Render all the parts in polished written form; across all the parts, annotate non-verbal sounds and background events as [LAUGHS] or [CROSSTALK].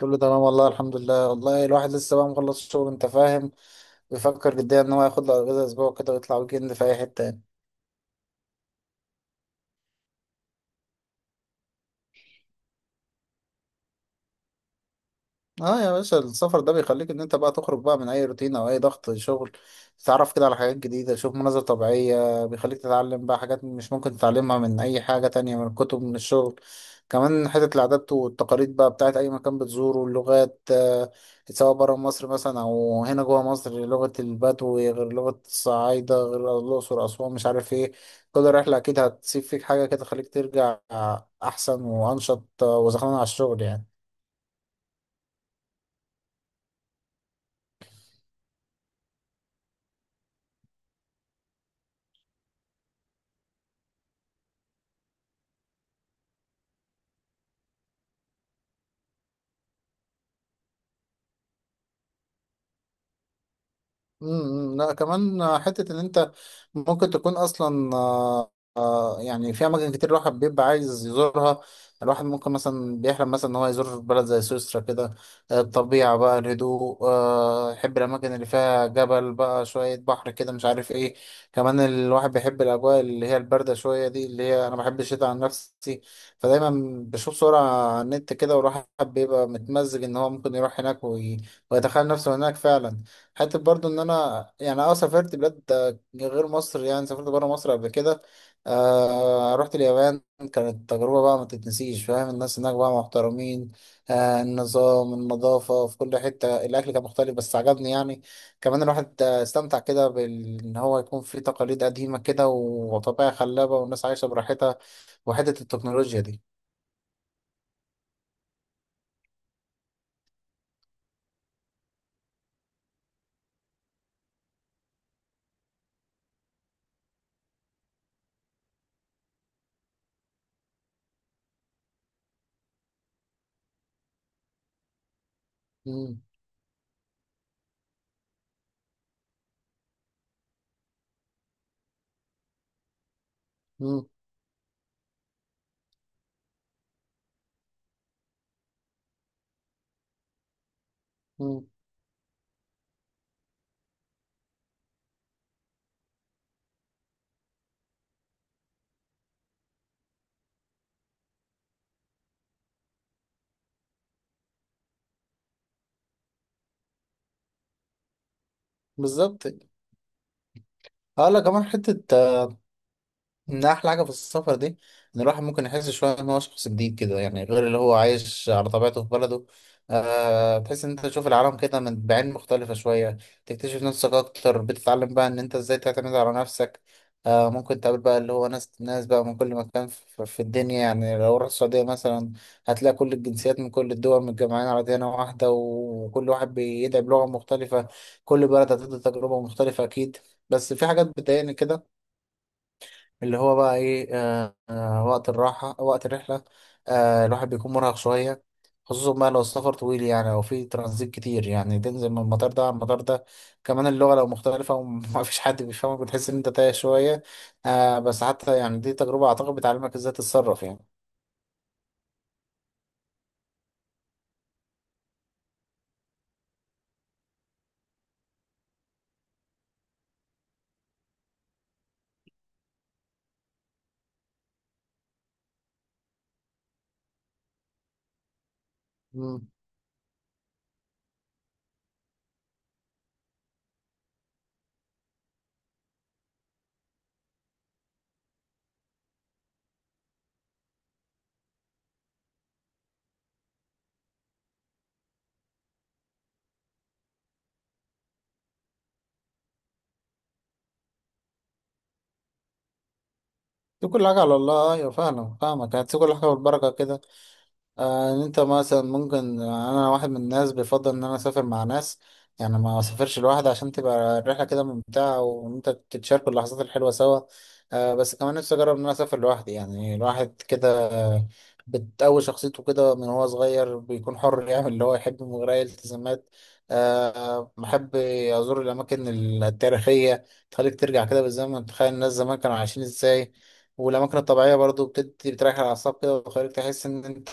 كله تمام والله الحمد لله. والله الواحد لسه بقى مخلص شغل، انت فاهم، بيفكر جديا ان هو ياخد له اجازه اسبوع كده ويطلع ويكند في اي حته يعني. اه يا باشا، السفر ده بيخليك ان انت بقى تخرج بقى من اي روتين او اي ضغط شغل، تتعرف كده على حاجات جديدة، تشوف مناظر طبيعية، بيخليك تتعلم بقى حاجات مش ممكن تتعلمها من اي حاجة تانية، من الكتب، من الشغل. كمان حتة العادات والتقاليد بقى بتاعت اي مكان بتزوره، اللغات سواء برا مصر مثلا او هنا جوا مصر، لغة البدو غير لغة الصعايدة غير الاقصر اسوان مش عارف ايه. كل رحلة اكيد هتسيب فيك حاجة كده تخليك ترجع احسن وانشط، وزخمان على الشغل يعني. لا، كمان حتة إن أنت ممكن تكون أصلا يعني في أماكن كتير الواحد بيبقى عايز يزورها. الواحد ممكن مثلا بيحلم مثلا إن هو يزور بلد زي سويسرا كده، الطبيعة بقى، الهدوء، يحب الأماكن اللي فيها جبل بقى شوية بحر كده مش عارف إيه. كمان الواحد بيحب الأجواء اللي هي الباردة شوية دي، اللي هي أنا بحب الشتاء عن نفسي. فدايما بشوف صورة على النت كده والواحد بيبقى متمزج إن هو ممكن يروح هناك ويتخيل نفسه هناك فعلا. حتى برضو ان انا يعني اه سافرت بلاد غير مصر، يعني سافرت بره مصر قبل كده. آه، رحت اليابان. كانت تجربة بقى ما تتنسيش، فاهم، الناس هناك بقى محترمين، آه، النظام، النظافة في كل حتة، الأكل كان مختلف بس عجبني يعني. كمان الواحد استمتع كده إن هو يكون في تقاليد قديمة كده، وطبيعة خلابة، والناس عايشة براحتها، وحتة التكنولوجيا دي. مم، مم، مم. بالظبط. اه لا، كمان حتة إن أحلى حاجة في السفر دي إن الواحد ممكن يحس شوية إن هو شخص جديد كده، يعني غير اللي هو عايش على طبيعته في بلده. أه تحس إن أنت تشوف العالم كده من بعين مختلفة شوية، تكتشف نفسك أكتر، بتتعلم بقى إن أنت إزاي تعتمد على نفسك. أه ممكن تقابل بقى اللي هو ناس ناس بقى من كل مكان في الدنيا. يعني لو رحت السعودية مثلا هتلاقي كل الجنسيات من كل الدول متجمعين على ديانة واحدة وكل واحد بيدعي بلغة مختلفة. كل بلد هتدي تجربة مختلفة أكيد. بس في حاجات بتضايقني كده، اللي هو بقى ايه، وقت الراحة، وقت الرحلة، آه، الواحد بيكون مرهق شوية، خصوصا بقى لو السفر طويل يعني او في ترانزيت كتير، يعني تنزل من المطار ده على المطار ده. كمان اللغة لو مختلفة وما [LAUGHS] فيش حد بيفهمك بتحس ان انت تايه شوية. آه، بس حتى يعني دي تجربة اعتقد بتعلمك ازاي تتصرف يعني. مم. دي كل حاجة على الله. ايوه فاهمك فاهمك، هتسيب كل حاجة بالبركة كده. ان انت مثلا ممكن، انا واحد من الناس بيفضل ان انا اسافر مع ناس، يعني ما اسافرش لوحدي، عشان تبقى الرحله كده ممتعه وان انت تتشاركوا اللحظات الحلوه سوا. آه، بس كمان نفسي اجرب ان انا اسافر لوحدي، يعني الواحد كده آه، بتقوي شخصيته كده من هو صغير، بيكون حر [LAUGHS] يعمل اللي هو يحبه من غير اي التزامات. آه، بحب ازور الاماكن التاريخيه، تخليك ترجع كده بالزمن، تخيل الناس زمان كانوا عايشين ازاي. والاماكن الطبيعيه برضو بتدي بتريح الاعصاب كده وتخليك تحس ان انت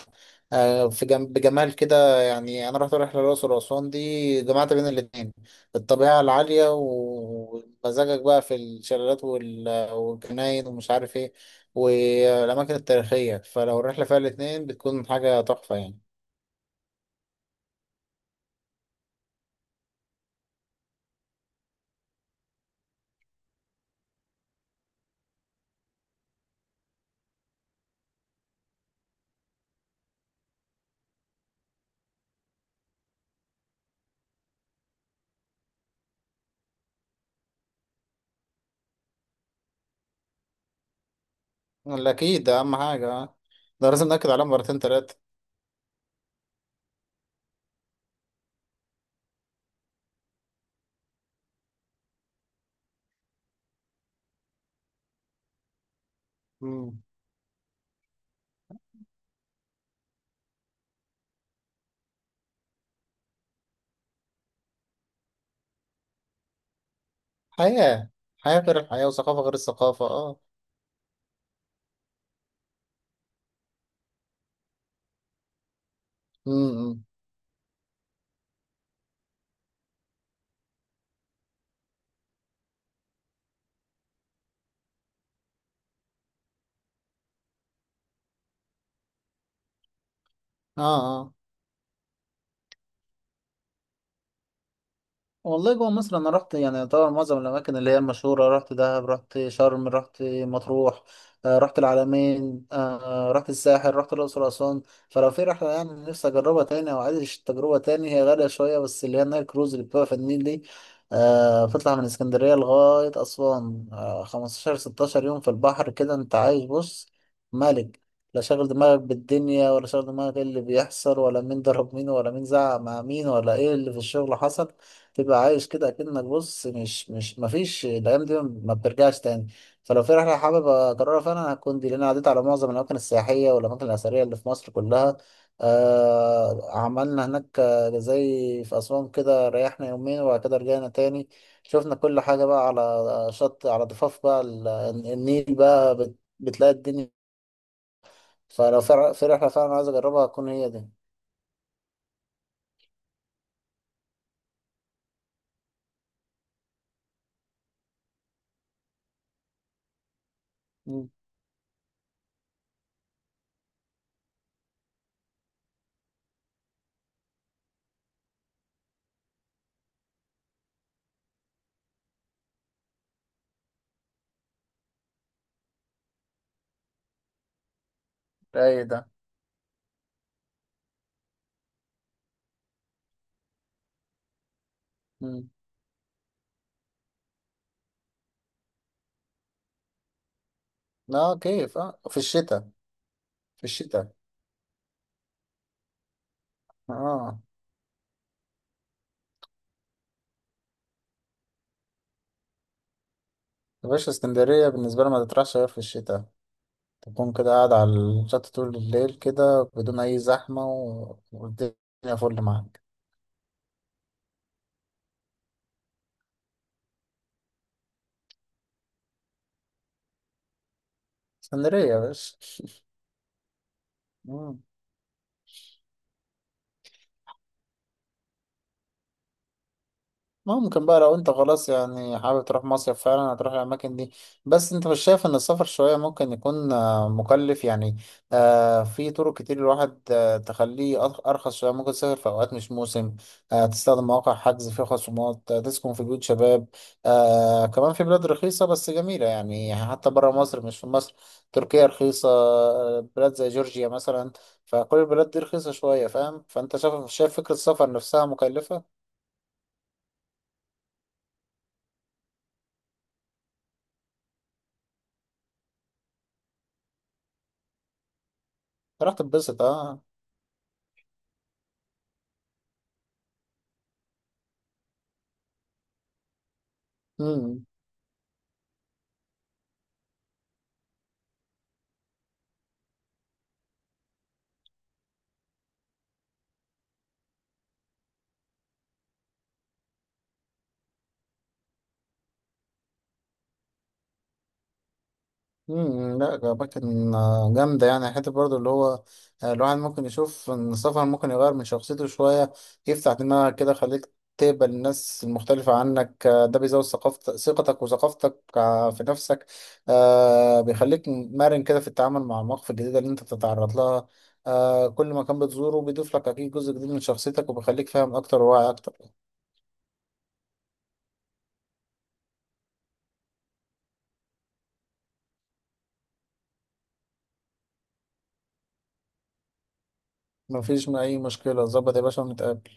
آه، في بجمال كده يعني. انا رحت رحله الاقصر واسوان دي، جمعت بين الاتنين، الطبيعه العاليه ومزاجك بقى في الشلالات والجناين ومش عارف ايه، والاماكن التاريخيه. فلو الرحله فيها الاتنين بتكون حاجه تحفه يعني. لا اكيد، ده اهم حاجه آه. ده لازم ناكد عليها مرتين تلاته. مم. حياه، حياه غير الحياه، وثقافه غير الثقافه اه. امم. اه آه. والله جوه مصر انا رحت يعني طبعا معظم الاماكن اللي هي المشهوره، رحت دهب، رحت شرم، رحت مطروح، رحت العلمين، رحت الساحل، رحت الاقصر اسوان. فلو في رحله يعني نفسي اجربها تاني او عايز تجربه تاني، هي غاليه شويه بس، اللي هي النايل كروز اللي بتبقى في النيل دي. آه، بتطلع من اسكندريه لغايه اسوان، آه، 15 16 يوم في البحر كده انت عايش، بص، ملك. لا شاغل دماغك بالدنيا ولا شاغل دماغك ايه اللي بيحصل ولا مين ضرب مين ولا مين زعق مع مين ولا ايه اللي في الشغل حصل. تبقى عايش كده اكنك، بص، مش مفيش، الايام دي ما بترجعش تاني. فلو في رحله حابب اكررها فانا هتكون دي، لان أنا عديت على معظم الاماكن السياحيه والاماكن الاثريه اللي في مصر كلها. آه عملنا هناك زي في اسوان كده، ريحنا يومين وبعد كده رجعنا تاني، شفنا كل حاجه بقى على شط، على ضفاف بقى النيل بقى بتلاقي الدنيا. فلو في رحله فعلا عايز اجربها هتكون هي دي. مم. رايق ده. مم. اه كيف، اه في الشتاء، في الشتاء. اه يا باشا، اسكندرية بالنسبة لي ما تطرحش غير في الشتاء، تكون كده قاعد على الشط طول الليل كده بدون أي زحمة، والدنيا فل معاك. اسكندرية يا باشا. [LAUGHS] ممكن بقى لو انت خلاص يعني حابب تروح مصيف فعلا هتروح الاماكن دي. بس انت مش شايف ان السفر شوية ممكن يكون آه، مكلف يعني؟ آه، في طرق كتير الواحد آه، تخليه ارخص شوية. ممكن تسافر في اوقات مش موسم، آه، تستخدم مواقع حجز فيها خصومات، آه، تسكن في بيوت شباب. آه، كمان في بلاد رخيصة بس جميلة، يعني حتى برا مصر مش في مصر. تركيا رخيصة، آه، بلاد زي جورجيا مثلا. فكل البلاد دي رخيصة شوية، فاهم، فانت شايف، شايف فكرة السفر نفسها مكلفة؟ راح تتبسط اه. مم. مم. لا، أماكن آه، جامدة يعني. حتى برضو اللي هو آه، الواحد ممكن يشوف إن السفر ممكن يغير من شخصيته شوية، يفتح دماغك كده، خليك تقبل الناس المختلفة عنك. آه، ده بيزود ثقتك وثقافتك آه، في نفسك. آه، بيخليك مرن كده في التعامل مع المواقف الجديدة اللي أنت بتتعرض لها. آه، كل مكان بتزوره بيضيف لك أكيد جزء جديد من شخصيتك، وبيخليك فاهم أكتر وواعي أكتر. مفيش أي مشكلة، ظبط يا باشا ونتقابل.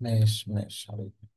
ماشي ماشي حبيبي.